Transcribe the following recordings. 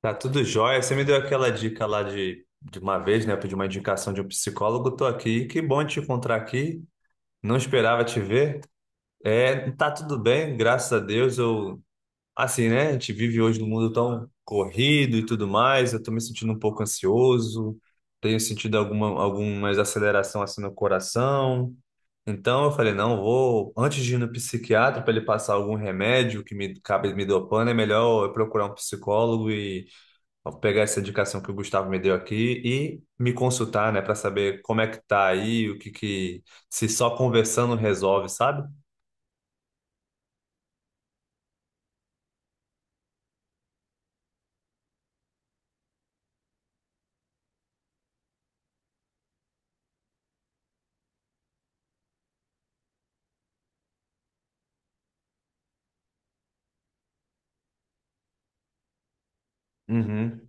Tá tudo jóia. Você me deu aquela dica lá de uma vez, né? Eu pedi uma indicação de um psicólogo. Tô aqui. Que bom te encontrar aqui. Não esperava te ver. É, tá tudo bem, graças a Deus. Eu, assim, né? A gente vive hoje num mundo tão corrido e tudo mais. Eu tô me sentindo um pouco ansioso. Tenho sentido alguma aceleração assim no coração. Então eu falei, não, vou, antes de ir no psiquiatra para ele passar algum remédio que me acabe me dopando, é melhor eu procurar um psicólogo e vou pegar essa indicação que o Gustavo me deu aqui e me consultar, né, para saber como é que tá aí, o que que se só conversando resolve, sabe? Uhum.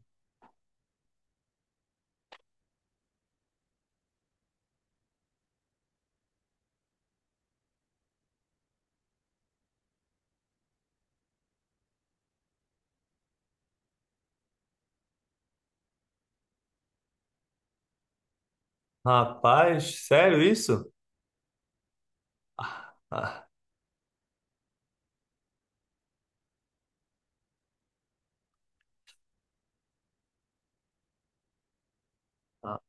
Rapaz, sério isso? Ah, ah,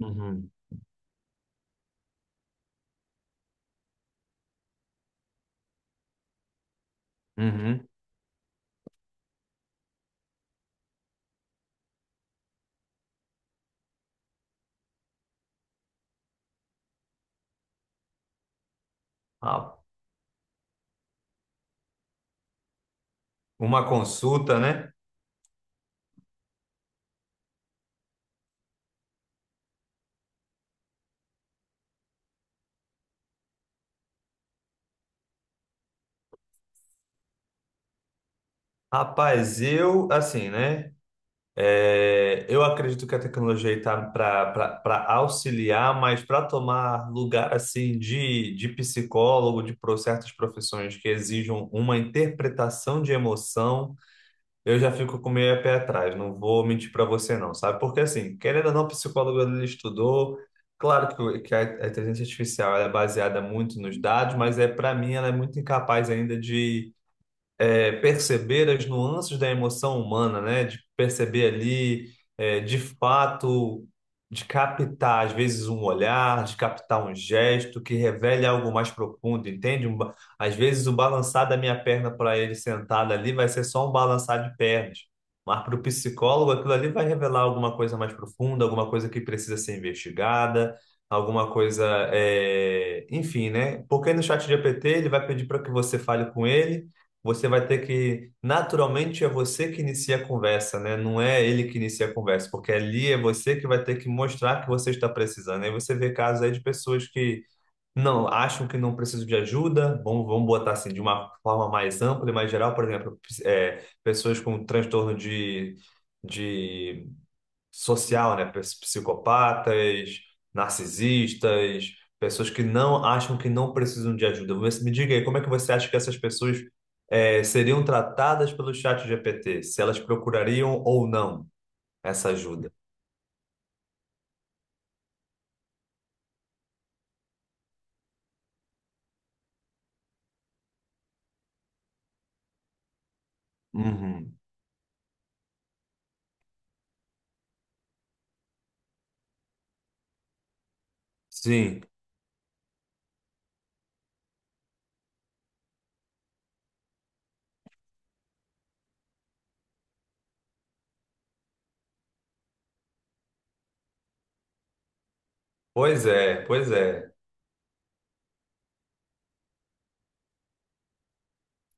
uhum, uhum. Ah, uma consulta, né? Rapaz, eu assim, né? É, eu acredito que a tecnologia está para auxiliar, mas para tomar lugar assim de psicólogo, de certas profissões que exijam uma interpretação de emoção, eu já fico com meio a pé atrás, não vou mentir para você não, sabe? Porque assim, querendo ou não, o psicólogo ele estudou, claro que, que a inteligência artificial ela é baseada muito nos dados, mas é para mim ela é muito incapaz ainda perceber as nuances da emoção humana, né? De perceber ali, é, de fato, de captar, às vezes, um olhar, de captar um gesto que revele algo mais profundo, entende? Às vezes, o balançar da minha perna para ele sentado ali vai ser só um balançar de pernas. Mas para o psicólogo, aquilo ali vai revelar alguma coisa mais profunda, alguma coisa que precisa ser investigada, alguma coisa, é, enfim, né? Porque no chat GPT ele vai pedir para que você fale com ele. Você vai ter que, naturalmente é você que inicia a conversa, né? Não é ele que inicia a conversa, porque ali é você que vai ter que mostrar que você está precisando. Aí você vê casos aí de pessoas que não acham que não precisam de ajuda, vamos botar assim, de uma forma mais ampla e mais geral, por exemplo, é, pessoas com transtorno de social, né? Psicopatas, narcisistas, pessoas que não acham que não precisam de ajuda. Você me diga aí, como é que você acha que essas pessoas seriam tratadas pelo chat GPT? Se elas procurariam ou não essa ajuda? Uhum. Sim. Pois é, pois é.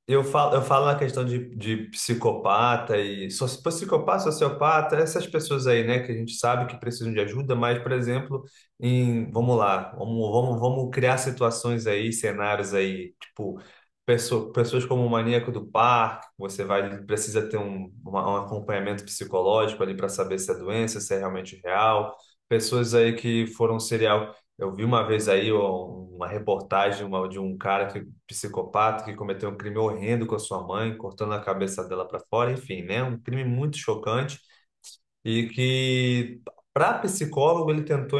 Eu falo na questão de, psicopata, sociopata, essas pessoas aí, né, que a gente sabe que precisam de ajuda, mas, por exemplo, em, vamos lá, vamos criar situações aí, cenários aí, tipo, pessoas como o maníaco do parque, você vai, precisa ter um acompanhamento psicológico ali para saber se é doença, se é realmente real, pessoas aí que foram um serial. Eu vi uma vez aí ó, uma reportagem de um cara que psicopata que cometeu um crime horrendo com a sua mãe, cortando a cabeça dela para fora, enfim, né? Um crime muito chocante e que para psicólogo ele tentou,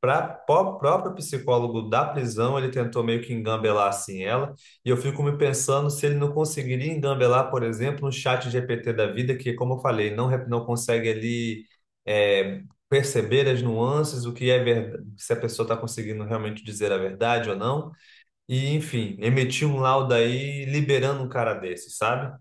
para próprio psicólogo da prisão, ele tentou meio que engambelar assim ela, e eu fico me pensando se ele não conseguiria engambelar, por exemplo, no chat GPT da vida, que como eu falei, não consegue ali é, perceber as nuances, o que é verdade, se a pessoa está conseguindo realmente dizer a verdade ou não. E, enfim, emitiu um laudo aí liberando um cara desse, sabe?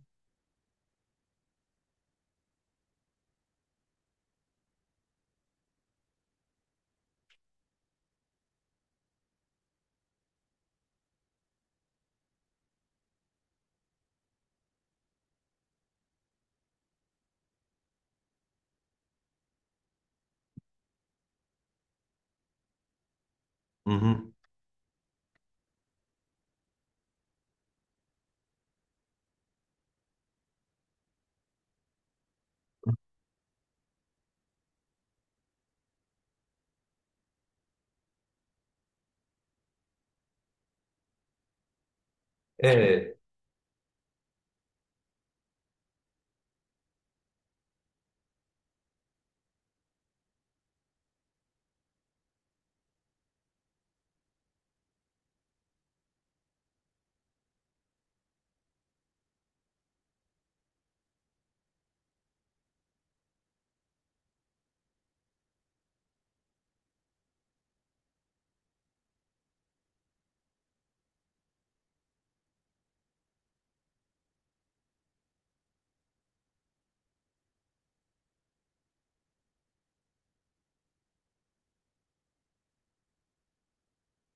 Uhum. É.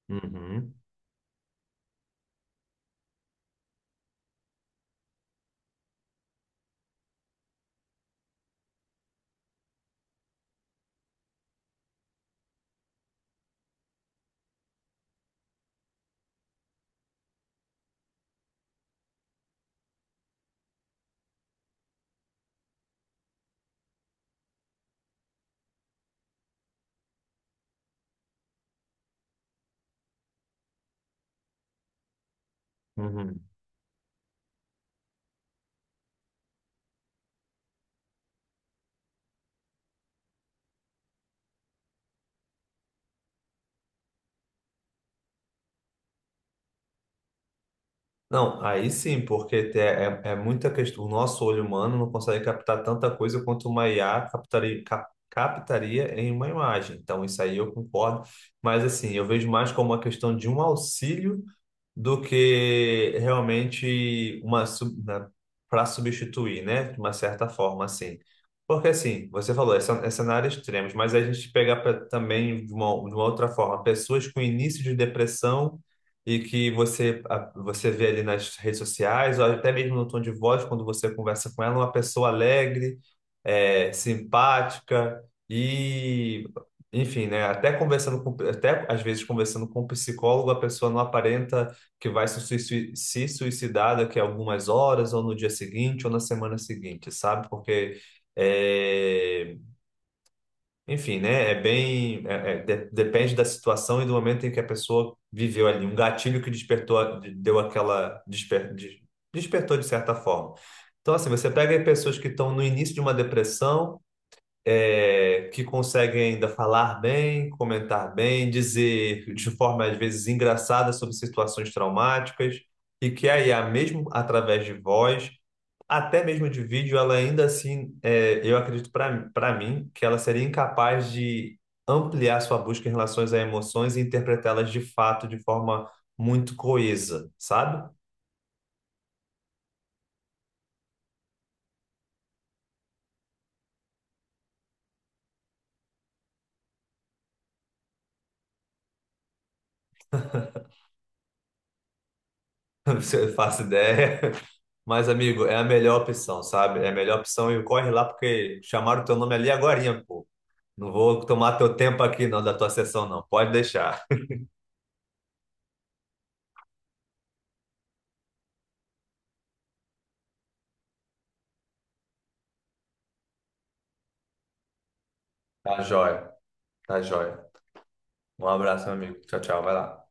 Uhum. Uhum. Não, aí sim, porque é, é muita questão. O nosso olho humano não consegue captar tanta coisa quanto uma IA captaria, captaria em uma imagem. Então, isso aí eu concordo. Mas, assim, eu vejo mais como uma questão de um auxílio do que realmente uma para substituir, né? De uma certa forma, assim. Porque assim, você falou, é cenários extremos, mas a gente pegar também de uma outra forma, pessoas com início de depressão e que você você vê ali nas redes sociais, ou até mesmo no tom de voz, quando você conversa com ela, uma pessoa alegre, é, simpática e enfim, né? Até conversando com, até às vezes conversando com um psicólogo, a pessoa não aparenta que vai se suicidar daqui a algumas horas, ou no dia seguinte, ou na semana seguinte, sabe? Porque, é, enfim, né? É bem. Depende da situação e do momento em que a pessoa viveu ali. Um gatilho que despertou, deu aquela. Despertou de certa forma. Então, assim, você pega aí pessoas que estão no início de uma depressão é, que conseguem ainda falar bem, comentar bem, dizer de forma às vezes engraçada sobre situações traumáticas, e que a IA, mesmo através de voz, até mesmo de vídeo, ela ainda assim, é, eu acredito para mim, que ela seria incapaz de ampliar sua busca em relação a emoções e interpretá-las de fato de forma muito coesa, sabe? Você faço ideia. Mas, amigo, é a melhor opção, sabe? É a melhor opção e corre lá porque chamaram teu nome ali agorinha, pô. Não vou tomar teu tempo aqui, não, da tua sessão, não. Pode deixar. Tá jóia, tá jóia. Um abraço, meu amigo. Tchau, tchau. Vai lá.